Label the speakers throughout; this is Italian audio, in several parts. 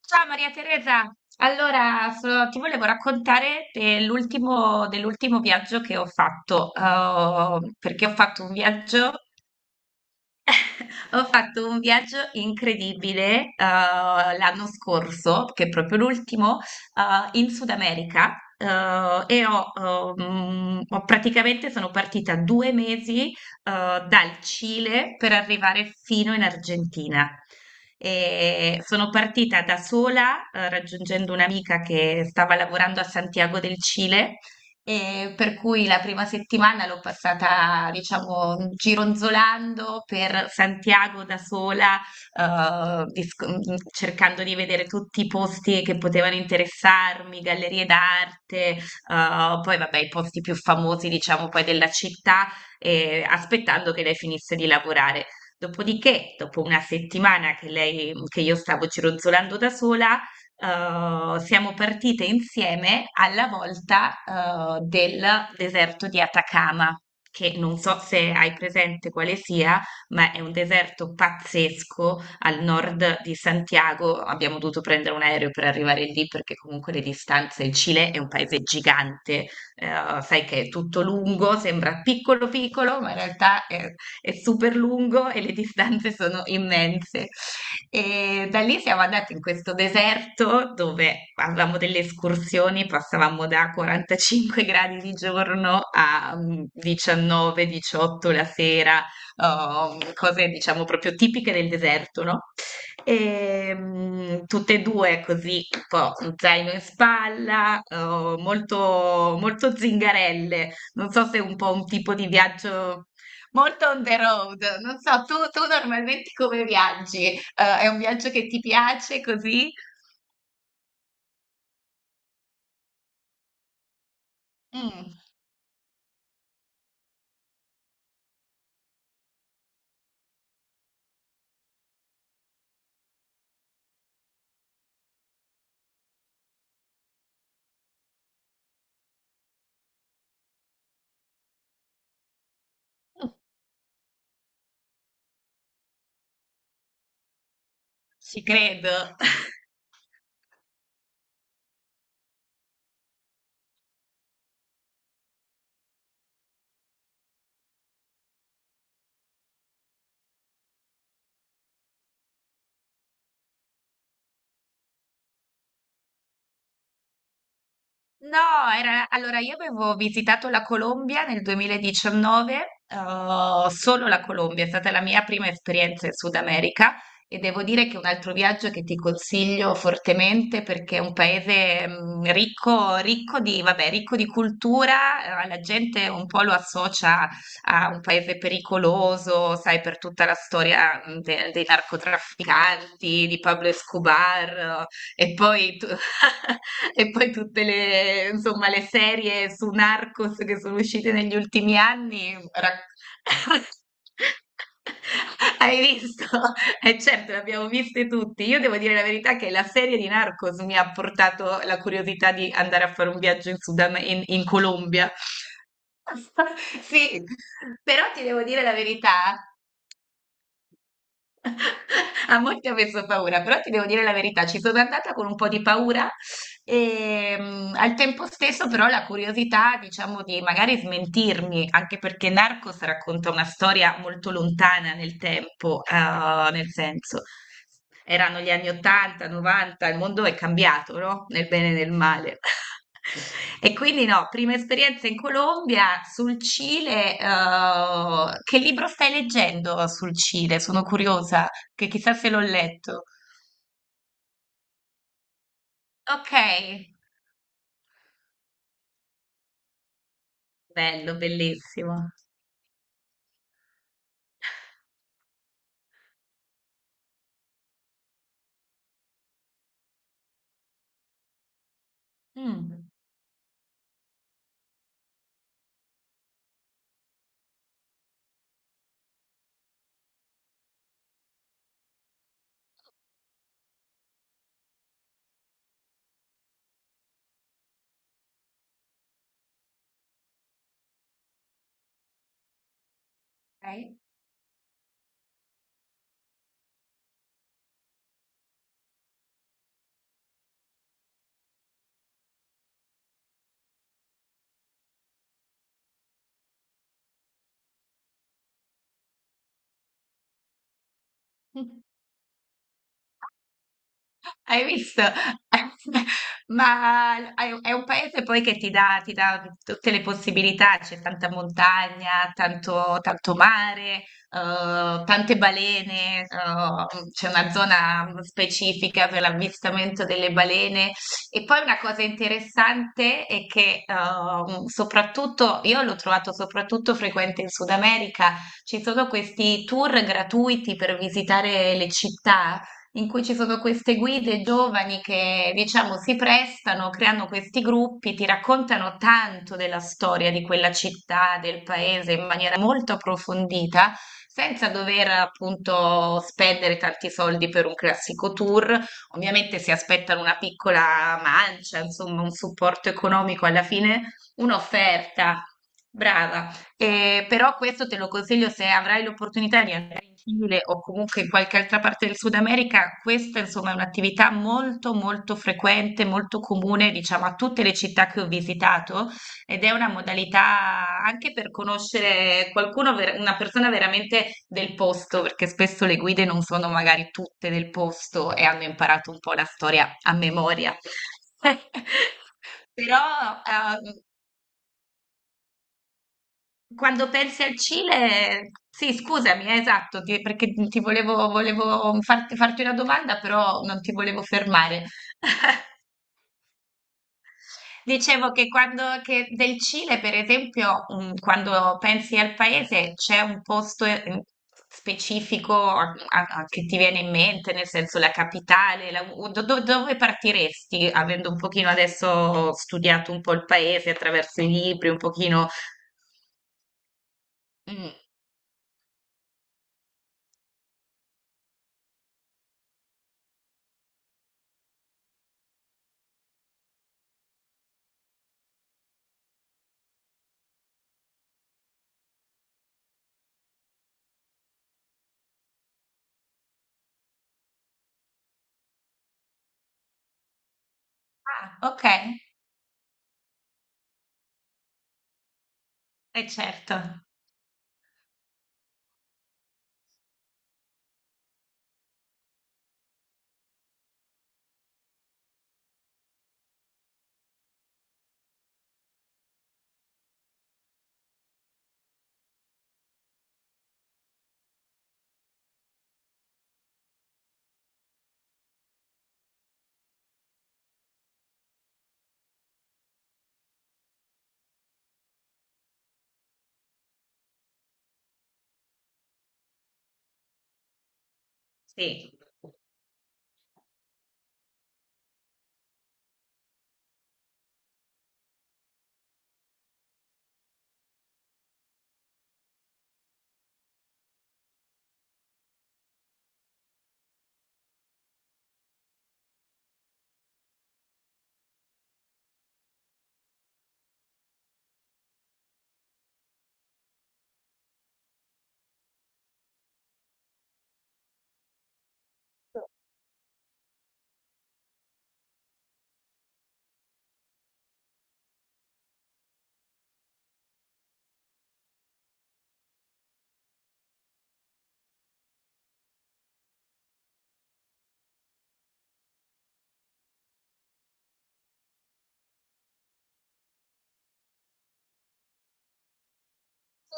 Speaker 1: Ciao Maria Teresa, allora ti volevo raccontare dell'ultimo viaggio che ho fatto, perché ho fatto un viaggio. Ho fatto un viaggio incredibile, l'anno scorso, che è proprio l'ultimo, in Sud America, e ho, ho praticamente sono partita 2 mesi, dal Cile per arrivare fino in Argentina. E sono partita da sola, raggiungendo un'amica che stava lavorando a Santiago del Cile e per cui la prima settimana l'ho passata, diciamo, gironzolando per Santiago da sola, cercando di vedere tutti i posti che potevano interessarmi, gallerie d'arte, poi vabbè, i posti più famosi, diciamo, poi della città, aspettando che lei finisse di lavorare. Dopodiché, dopo una settimana che io stavo gironzolando da sola, siamo partite insieme alla volta, del deserto di Atacama, che non so se hai presente quale sia, ma è un deserto pazzesco al nord di Santiago. Abbiamo dovuto prendere un aereo per arrivare lì perché comunque le distanze, il Cile è un paese gigante, sai che è tutto lungo, sembra piccolo piccolo, ma in realtà è super lungo e le distanze sono immense. E da lì siamo andati in questo deserto dove avevamo delle escursioni, passavamo da 45 gradi di giorno a 19-18 la sera, oh, cose diciamo proprio tipiche del deserto, no? E, tutte e due così, un po' un zaino in spalla, oh, molto, molto zingarelle. Non so se è un po' un tipo di viaggio. Molto on the road. Non so, tu normalmente come viaggi? È un viaggio che ti piace così? Mm, ci credo. No, allora io avevo visitato la Colombia nel 2019, solo la Colombia, è stata la mia prima esperienza in Sud America e devo dire che è un altro viaggio che ti consiglio fortemente perché è un paese ricco, vabbè, ricco di cultura, la gente un po' lo associa a un paese pericoloso, sai, per tutta la storia dei narcotrafficanti, di Pablo Escobar. E poi, e poi tutte le, insomma, le serie su Narcos che sono uscite negli ultimi anni. Hai visto? E certo, le abbiamo viste tutti. Io devo dire la verità che la serie di Narcos mi ha portato la curiosità di andare a fare un viaggio in Sud Am- in in Colombia. Sì, però ti devo dire la verità. A molti ho messo paura, però ti devo dire la verità, ci sono andata con un po' di paura e al tempo stesso però la curiosità, diciamo, di magari smentirmi, anche perché Narcos racconta una storia molto lontana nel tempo, nel senso erano gli anni 80, 90, il mondo è cambiato, no? Nel bene e nel male. E quindi no, prima esperienza in Colombia, sul Cile, che libro stai leggendo sul Cile? Sono curiosa, che chissà se l'ho letto. Ok, bello, bellissimo. Mm, ok. Hai visto? Ma è un paese poi che ti dà tutte le possibilità, c'è tanta montagna, tanto, tanto mare, tante balene, c'è una zona specifica per l'avvistamento delle balene. E poi una cosa interessante è che soprattutto, io l'ho trovato soprattutto frequente in Sud America, ci sono questi tour gratuiti per visitare le città in cui ci sono queste guide giovani che, diciamo, si prestano, creano questi gruppi, ti raccontano tanto della storia di quella città, del paese in maniera molto approfondita, senza dover appunto spendere tanti soldi per un classico tour. Ovviamente si aspettano una piccola mancia, insomma, un supporto economico alla fine, un'offerta. Brava. Però questo te lo consiglio se avrai l'opportunità di Cile o comunque in qualche altra parte del Sud America, questa insomma è un'attività molto molto frequente, molto comune, diciamo, a tutte le città che ho visitato ed è una modalità anche per conoscere qualcuno, una persona veramente del posto, perché spesso le guide non sono magari tutte del posto e hanno imparato un po' la storia a memoria. Però, ehm, quando pensi al Cile, sì, scusami, esatto, perché ti volevo farti una domanda, però non ti volevo fermare. Dicevo che del Cile, per esempio, quando pensi al paese, c'è un posto specifico che ti viene in mente, nel senso la capitale, o dove partiresti, avendo un pochino adesso studiato un po' il paese attraverso i libri, un pochino. Mm. Ah, ok, è certo. Sì.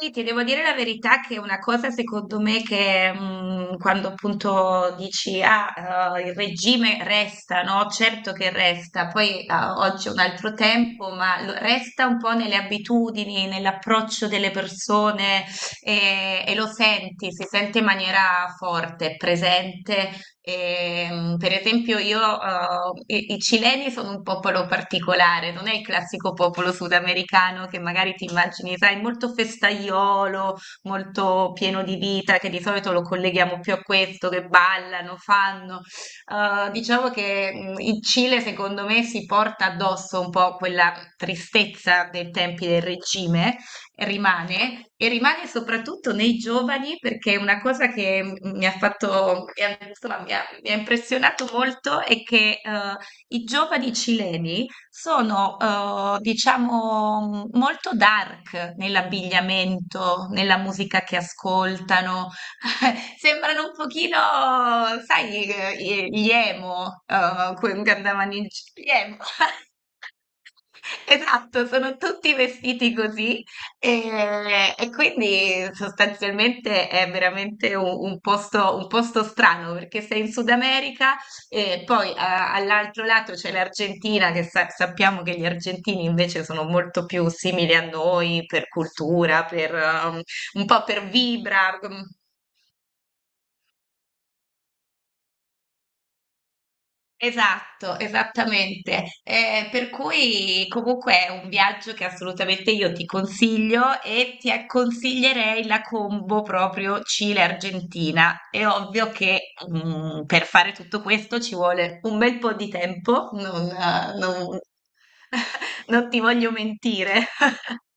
Speaker 1: Sì, ti devo dire la verità che una cosa secondo me che quando appunto dici ah, il regime resta, no? Certo che resta, poi ah, oggi è un altro tempo, ma resta un po' nelle abitudini, nell'approccio delle persone e lo senti, si sente in maniera forte, presente. Per esempio, i cileni sono un popolo particolare, non è il classico popolo sudamericano che magari ti immagini, sai, molto festaiolo, molto pieno di vita, che di solito lo colleghiamo più a questo, che ballano, fanno. Diciamo che il Cile, secondo me, si porta addosso un po' quella tristezza dei tempi del regime, rimane e rimane soprattutto nei giovani perché una cosa che m- mi ha fatto, mi ha- insomma, mi ha impressionato molto è che i giovani cileni sono, diciamo, molto dark nell'abbigliamento, nella musica che ascoltano. Sembrano un pochino, sai, gli emo, quelli che andavano in gli emo. Esatto, sono tutti vestiti così e quindi sostanzialmente è veramente un posto strano perché sei in Sud America e poi all'altro lato c'è l'Argentina che sappiamo che gli argentini invece sono molto più simili a noi per cultura, per, un po' per vibra. Esatto, esattamente. Per cui comunque è un viaggio che assolutamente io ti consiglio e ti consiglierei la combo proprio Cile-Argentina. È ovvio che per fare tutto questo ci vuole un bel po' di tempo, non ti voglio mentire.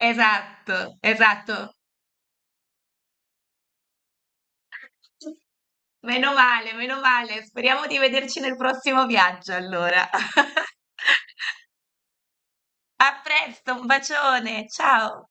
Speaker 1: Esatto, esatto. Meno male, meno male. Speriamo di vederci nel prossimo viaggio allora. A presto, un bacione, ciao!